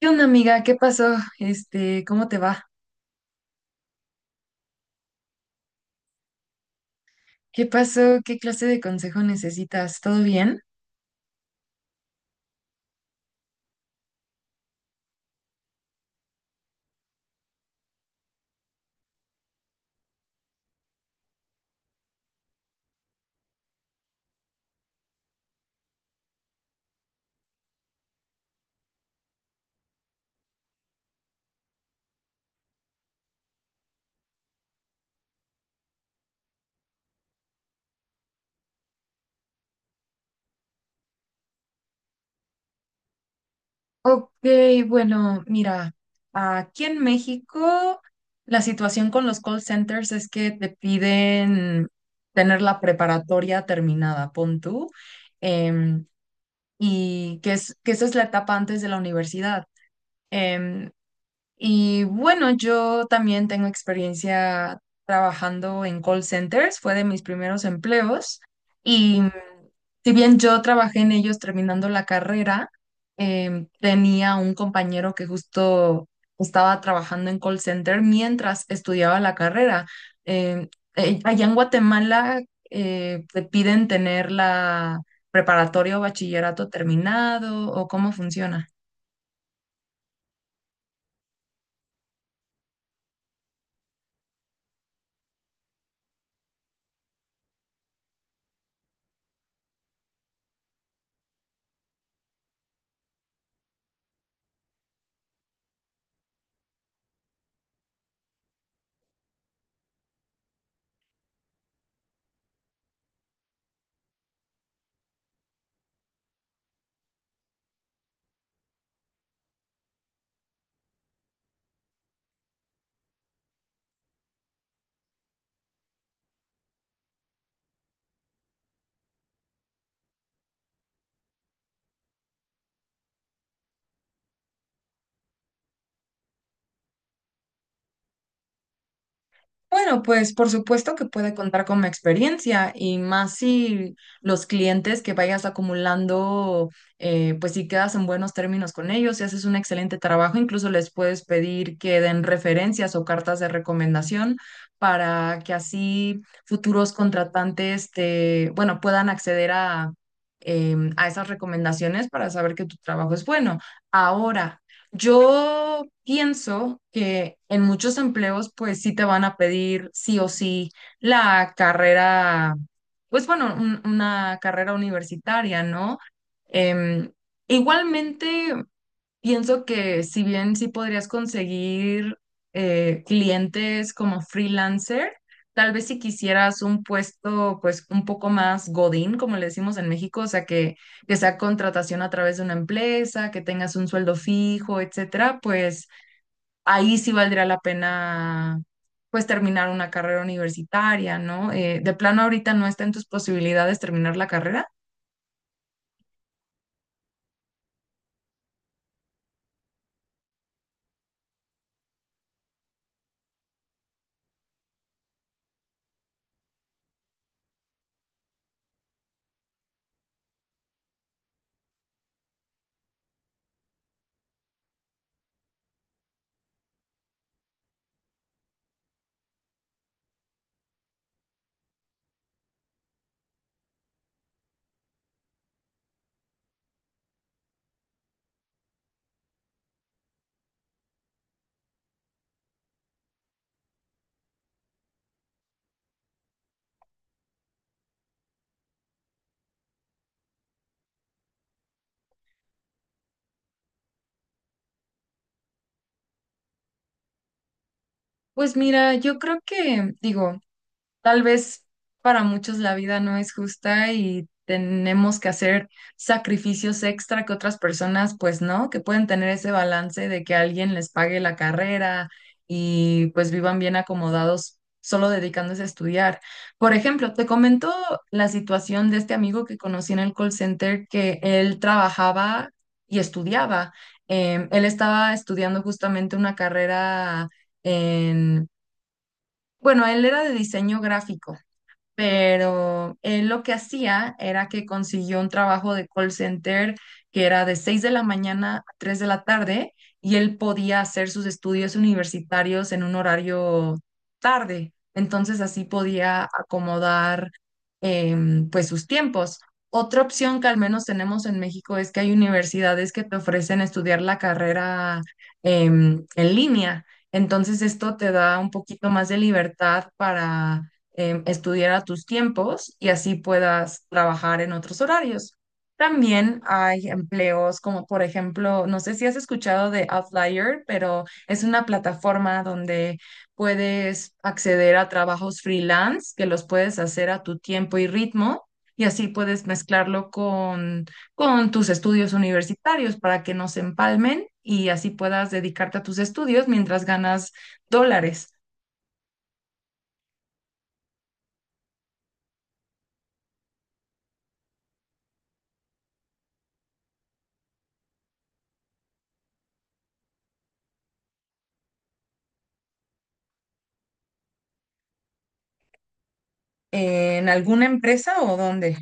¿Qué onda, amiga? ¿Qué pasó? ¿Cómo te va? ¿Qué pasó? ¿Qué clase de consejo necesitas? ¿Todo bien? Ok, bueno, mira, aquí en México la situación con los call centers es que te piden tener la preparatoria terminada, pon tú. em, que esa es la etapa antes de la universidad. Em, Y bueno, yo también tengo experiencia trabajando en call centers, fue de mis primeros empleos y, si bien yo trabajé en ellos terminando la carrera, tenía un compañero que justo estaba trabajando en call center mientras estudiaba la carrera. Em, Allá en Guatemala, te piden tener la preparatoria o bachillerato terminado, o cómo funciona. Bueno, pues por supuesto que puede contar con mi experiencia, y más si los clientes que vayas acumulando, pues si quedas en buenos términos con ellos y haces un excelente trabajo, incluso les puedes pedir que den referencias o cartas de recomendación para que así futuros contratantes te, bueno, puedan acceder a, a esas recomendaciones para saber que tu trabajo es bueno. Ahora, yo pienso que en muchos empleos pues sí te van a pedir sí o sí la carrera, pues bueno, una carrera universitaria, ¿no? Em, Igualmente. Pienso que si bien sí podrías conseguir, clientes como freelancer, tal vez si quisieras un puesto pues un poco más godín, como le decimos en México, o sea, que sea contratación a través de una empresa, que tengas un sueldo fijo, etcétera, pues ahí sí valdría la pena pues terminar una carrera universitaria, ¿no? De plano ahorita no está en tus posibilidades terminar la carrera. Pues mira, yo creo que, digo, tal vez para muchos la vida no es justa y tenemos que hacer sacrificios extra que otras personas, pues no, que pueden tener ese balance de que alguien les pague la carrera y pues vivan bien acomodados solo dedicándose a estudiar. Por ejemplo, te comento la situación de este amigo que conocí en el call center, que él trabajaba y estudiaba. Él estaba estudiando justamente una carrera en... Bueno, él era de diseño gráfico, pero él lo que hacía era que consiguió un trabajo de call center que era de 6 de la mañana a 3 de la tarde, y él podía hacer sus estudios universitarios en un horario tarde. Entonces así podía acomodar, pues, sus tiempos. Otra opción que al menos tenemos en México es que hay universidades que te ofrecen estudiar la carrera, en línea. Entonces esto te da un poquito más de libertad para, estudiar a tus tiempos, y así puedas trabajar en otros horarios. También hay empleos como, por ejemplo, no sé si has escuchado de Outlier, pero es una plataforma donde puedes acceder a trabajos freelance que los puedes hacer a tu tiempo y ritmo, y así puedes mezclarlo con tus estudios universitarios para que no se empalmen, y así puedas dedicarte a tus estudios mientras ganas dólares. ¿En alguna empresa o dónde?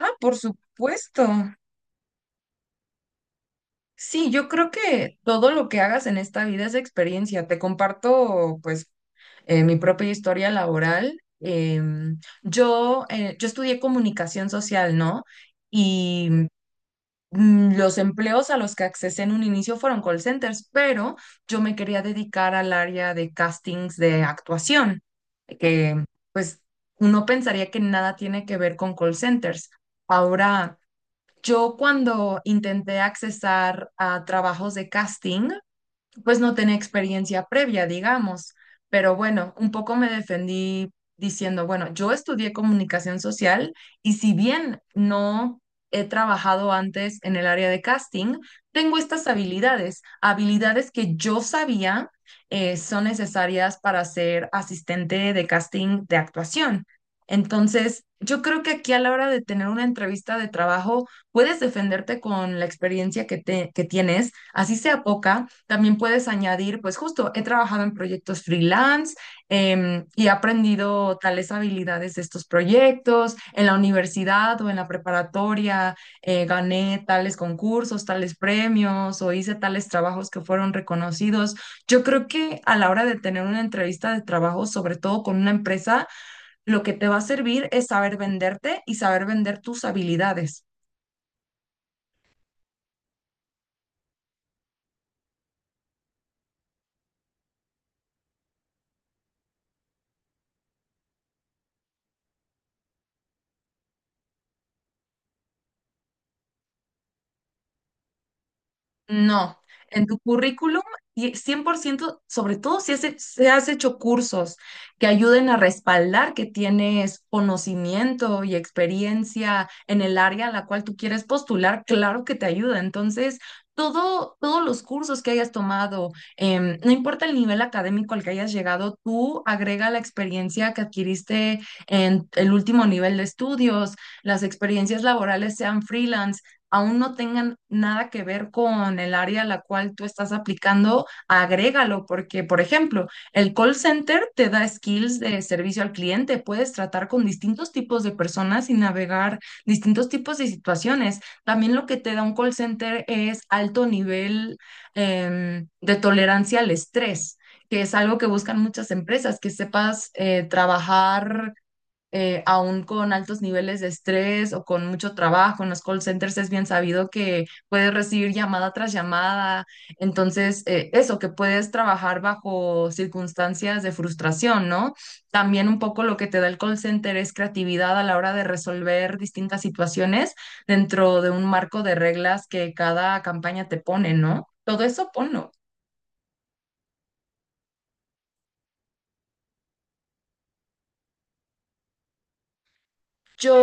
Ah, por supuesto. Sí, yo creo que todo lo que hagas en esta vida es experiencia. Te comparto, pues, mi propia historia laboral. Yo estudié comunicación social, ¿no? Y, los empleos a los que accesé en un inicio fueron call centers, pero yo me quería dedicar al área de castings de actuación, que, pues, uno pensaría que nada tiene que ver con call centers. Ahora... Yo cuando intenté accesar a trabajos de casting, pues no tenía experiencia previa, digamos, pero bueno, un poco me defendí diciendo, bueno, yo estudié comunicación social, y si bien no he trabajado antes en el área de casting, tengo estas habilidades, habilidades que yo sabía, son necesarias para ser asistente de casting de actuación. Entonces, yo creo que aquí, a la hora de tener una entrevista de trabajo, puedes defenderte con la experiencia que, te, que tienes. Así sea poca, también puedes añadir, pues, justo, he trabajado en proyectos freelance, y he aprendido tales habilidades de estos proyectos. En la universidad o en la preparatoria, gané tales concursos, tales premios o hice tales trabajos que fueron reconocidos. Yo creo que a la hora de tener una entrevista de trabajo, sobre todo con una empresa, lo que te va a servir es saber venderte y saber vender tus habilidades. No, en tu currículum, y 100%, sobre todo si has, si has hecho cursos que ayuden a respaldar que tienes conocimiento y experiencia en el área a la cual tú quieres postular, claro que te ayuda. Entonces, todo, todos los cursos que hayas tomado, no importa el nivel académico al que hayas llegado, tú agrega la experiencia que adquiriste en el último nivel de estudios, las experiencias laborales sean freelance aún no tengan nada que ver con el área a la cual tú estás aplicando, agrégalo, porque, por ejemplo, el call center te da skills de servicio al cliente, puedes tratar con distintos tipos de personas y navegar distintos tipos de situaciones. También lo que te da un call center es alto nivel, de tolerancia al estrés, que es algo que buscan muchas empresas, que sepas, trabajar, aún con altos niveles de estrés o con mucho trabajo. En los call centers es bien sabido que puedes recibir llamada tras llamada. Entonces, eso, que puedes trabajar bajo circunstancias de frustración, ¿no? También un poco lo que te da el call center es creatividad a la hora de resolver distintas situaciones dentro de un marco de reglas que cada campaña te pone, ¿no? Todo eso ponlo. Yo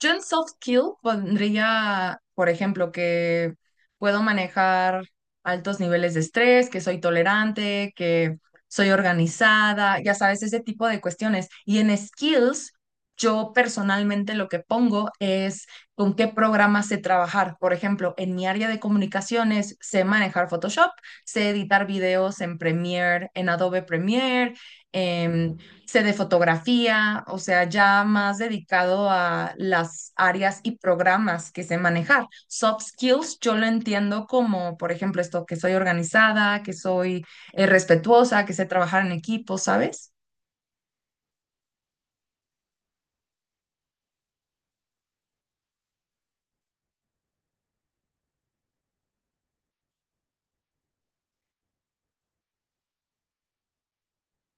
Yo en soft skill pondría, por ejemplo, que puedo manejar altos niveles de estrés, que soy tolerante, que soy organizada, ya sabes, ese tipo de cuestiones. Y en skills, yo personalmente lo que pongo es con qué programa sé trabajar. Por ejemplo, en mi área de comunicaciones sé manejar Photoshop, sé editar videos en Premiere, en Adobe Premiere, em, sé de fotografía, o sea, ya más dedicado a las áreas y programas que sé manejar. Soft skills yo lo entiendo como, por ejemplo, esto, que soy organizada, que soy, respetuosa, que sé trabajar en equipo, ¿sabes?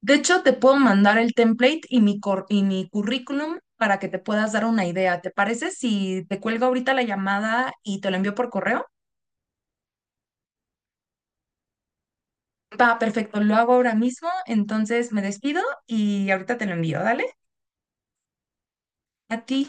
De hecho, te puedo mandar el template y mi currículum para que te puedas dar una idea. ¿Te parece si te cuelgo ahorita la llamada y te lo envío por correo? Va, perfecto, lo hago ahora mismo, entonces me despido y ahorita te lo envío, ¿dale? A ti.